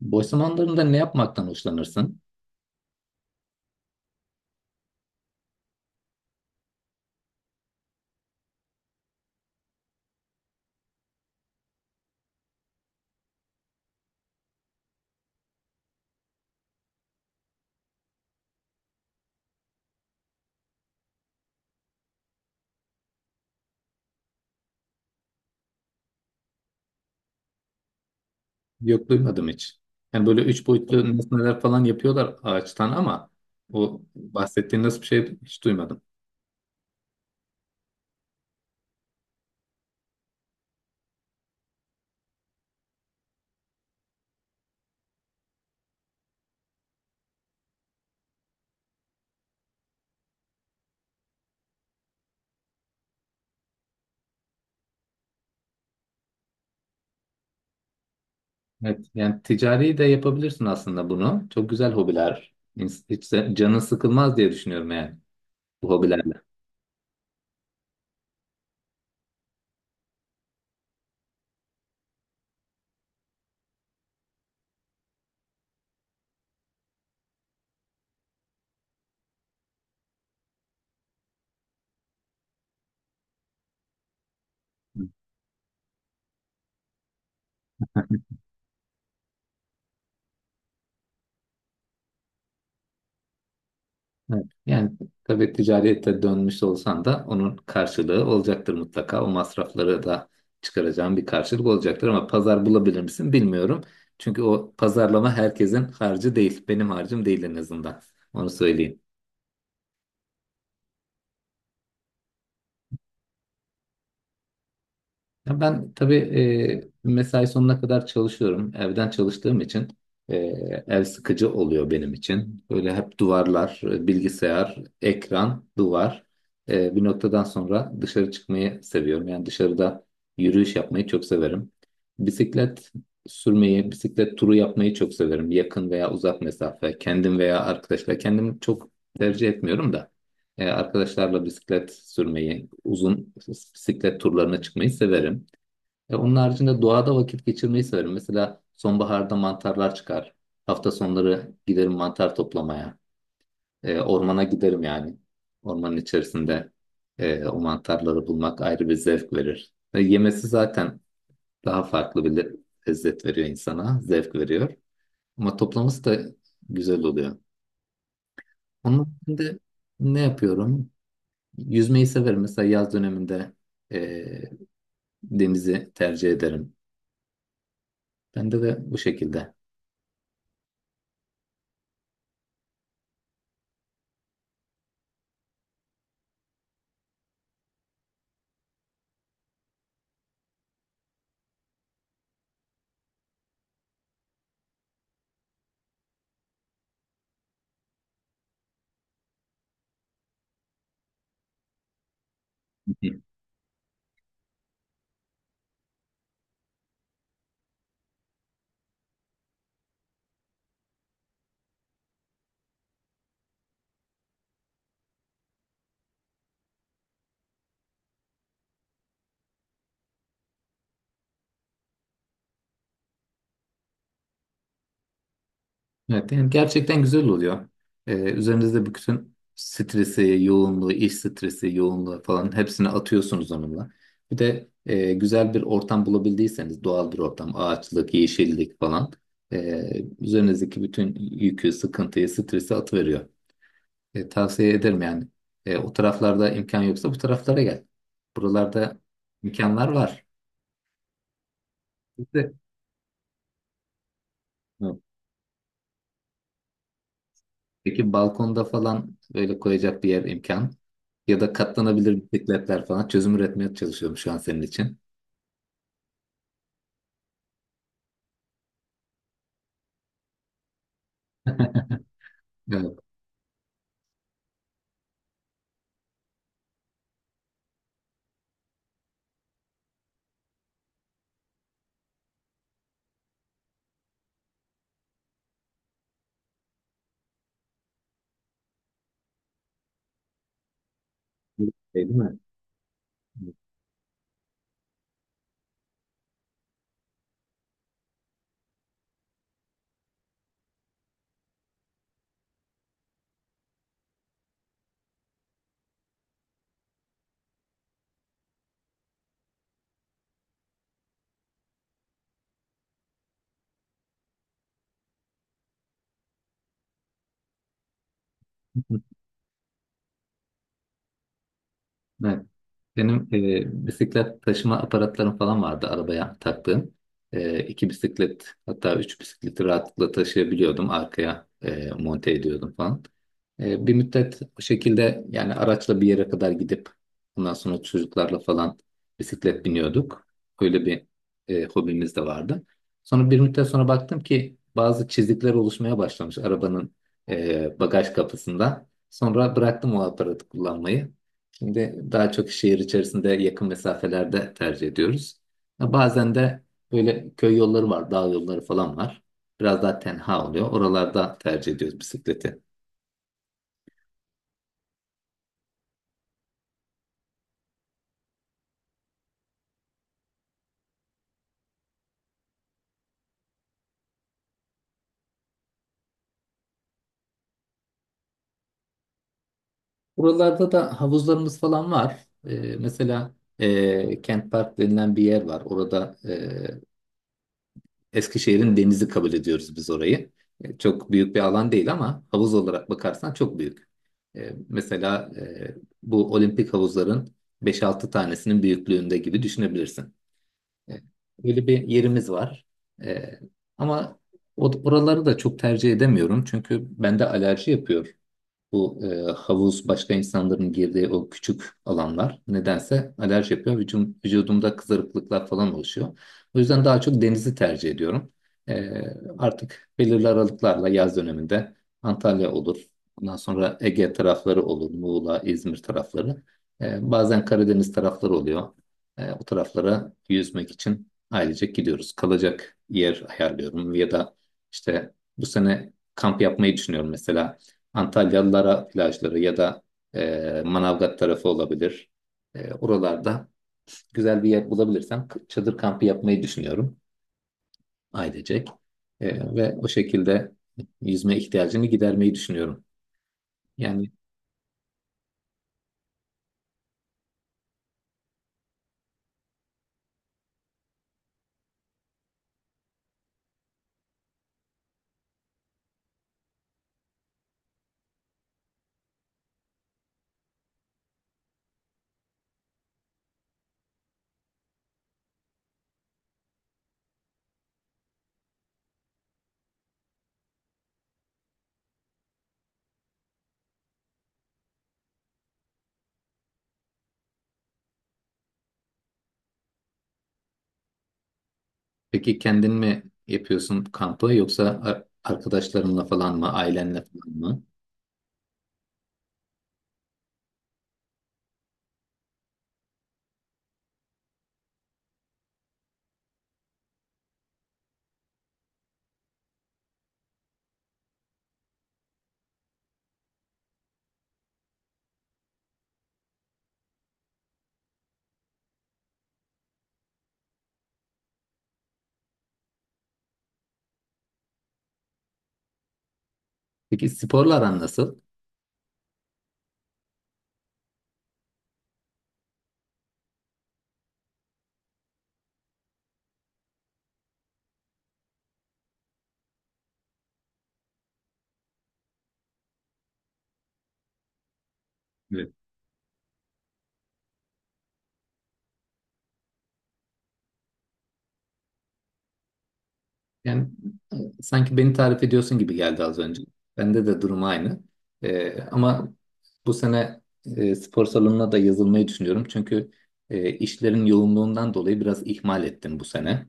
Boş zamanlarında ne yapmaktan hoşlanırsın? Yok, duymadım hiç. Yani böyle üç boyutlu nesneler falan yapıyorlar ağaçtan ama o bahsettiğin nasıl bir şey hiç duymadım. Evet, yani ticari de yapabilirsin aslında bunu. Çok güzel hobiler. Hiç de canın sıkılmaz diye düşünüyorum yani bu hobilerle. Evet. Yani tabii ticarete dönmüş olsan da onun karşılığı olacaktır mutlaka. O masrafları da çıkaracağın bir karşılık olacaktır ama pazar bulabilir misin bilmiyorum. Çünkü o pazarlama herkesin harcı değil. Benim harcım değil en azından. Onu söyleyeyim. Ya ben tabii mesai sonuna kadar çalışıyorum. Evden çalıştığım için e, ev sıkıcı oluyor benim için. Böyle hep duvarlar, bilgisayar, ekran, duvar. Bir noktadan sonra dışarı çıkmayı seviyorum. Yani dışarıda yürüyüş yapmayı çok severim. Bisiklet sürmeyi, bisiklet turu yapmayı çok severim. Yakın veya uzak mesafe, kendim veya arkadaşlar. Kendim çok tercih etmiyorum da. Arkadaşlarla bisiklet sürmeyi, uzun bisiklet turlarına çıkmayı severim. Onun haricinde doğada vakit geçirmeyi severim. Mesela sonbaharda mantarlar çıkar. Hafta sonları giderim mantar toplamaya. Ormana giderim yani. Ormanın içerisinde o mantarları bulmak ayrı bir zevk verir. Yemesi zaten daha farklı bir lezzet veriyor insana, zevk veriyor. Ama toplaması da güzel oluyor. Onun haricinde ne yapıyorum? Yüzmeyi severim. Mesela yaz döneminde e, denizi tercih ederim. Bende de bu şekilde. Evet, yani gerçekten güzel oluyor. Üzerinizde bütün stresi, yoğunluğu, iş stresi, yoğunluğu falan hepsini atıyorsunuz onunla. Bir de güzel bir ortam bulabildiyseniz, doğal bir ortam, ağaçlık, yeşillik falan üzerinizdeki bütün yükü, sıkıntıyı, stresi atıveriyor. Tavsiye ederim yani. O taraflarda imkan yoksa bu taraflara gel. Buralarda imkanlar var. Biz Peki balkonda falan böyle koyacak bir yer imkan ya da katlanabilir bisikletler falan çözüm üretmeye çalışıyorum şu an senin için. Evet. Şey değil mi? Evet. Benim bisiklet taşıma aparatlarım falan vardı arabaya taktığım. İki bisiklet hatta üç bisikleti rahatlıkla taşıyabiliyordum. Arkaya monte ediyordum falan. Bir müddet bu şekilde yani araçla bir yere kadar gidip ondan sonra çocuklarla falan bisiklet biniyorduk. Öyle bir hobimiz de vardı. Sonra bir müddet sonra baktım ki bazı çizikler oluşmaya başlamış arabanın bagaj kapısında. Sonra bıraktım o aparatı kullanmayı. Şimdi daha çok şehir içerisinde yakın mesafelerde tercih ediyoruz. Ya, bazen de böyle köy yolları var, dağ yolları falan var. Biraz daha tenha oluyor. Oralarda tercih ediyoruz bisikleti. Buralarda da havuzlarımız falan var. Mesela Kent Park denilen bir yer var. Orada Eskişehir'in denizi kabul ediyoruz biz orayı. Çok büyük bir alan değil ama havuz olarak bakarsan çok büyük. Mesela bu olimpik havuzların beş-altı tanesinin büyüklüğünde gibi düşünebilirsin. E, Böyle bir yerimiz var. E, Ama oraları da çok tercih edemiyorum çünkü bende alerji yapıyor. Bu havuz başka insanların girdiği o küçük alanlar nedense alerji yapıyor. Vücudumda kızarıklıklar falan oluşuyor. O yüzden daha çok denizi tercih ediyorum. E, Artık belirli aralıklarla yaz döneminde Antalya olur. Ondan sonra Ege tarafları olur. Muğla, İzmir tarafları. Bazen Karadeniz tarafları oluyor. O taraflara yüzmek için ailecek gidiyoruz. Kalacak yer ayarlıyorum ya da işte bu sene kamp yapmayı düşünüyorum mesela. Antalyalılara plajları ya da Manavgat tarafı olabilir. Oralarda güzel bir yer bulabilirsem çadır kampı yapmayı düşünüyorum ailecek. Ve o şekilde yüzme ihtiyacını gidermeyi düşünüyorum. Yani peki kendin mi yapıyorsun kampı yoksa arkadaşlarınla falan mı, ailenle falan mı? Peki sporlar aran nasıl? Evet. Yani e, sanki beni tarif ediyorsun gibi geldi az önce. Bende de durum aynı. Ama bu sene spor salonuna da yazılmayı düşünüyorum. Çünkü işlerin yoğunluğundan dolayı biraz ihmal ettim bu sene.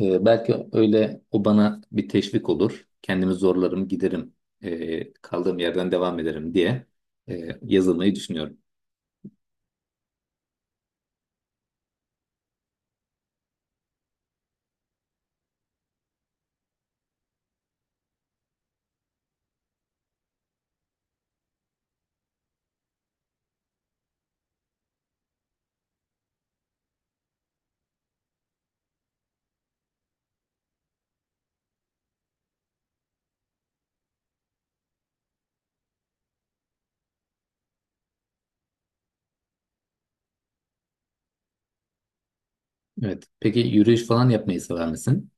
Belki öyle o bana bir teşvik olur. Kendimi zorlarım, giderim, kaldığım yerden devam ederim diye yazılmayı düşünüyorum. Evet. Peki yürüyüş falan yapmayı sever misin?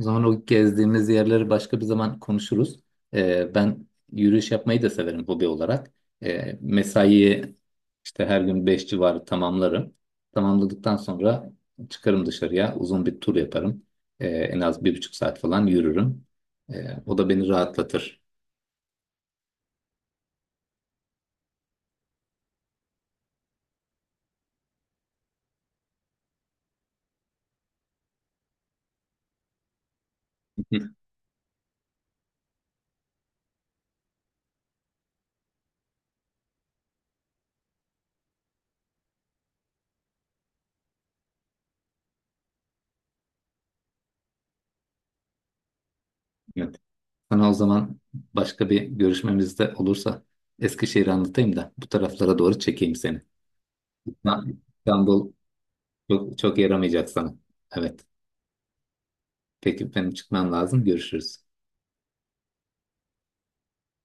O zaman o gezdiğimiz yerleri başka bir zaman konuşuruz. Ben yürüyüş yapmayı da severim hobi olarak. Mesaiyi işte her gün 5 civarı tamamlarım. Tamamladıktan sonra çıkarım dışarıya, uzun bir tur yaparım. En az 1,5 saat falan yürürüm. O da beni rahatlatır. Evet. Sana o zaman başka bir görüşmemizde olursa Eskişehir'i anlatayım da bu taraflara doğru çekeyim seni. İstanbul çok, çok yaramayacak sana. Evet. Peki benim çıkmam lazım. Görüşürüz.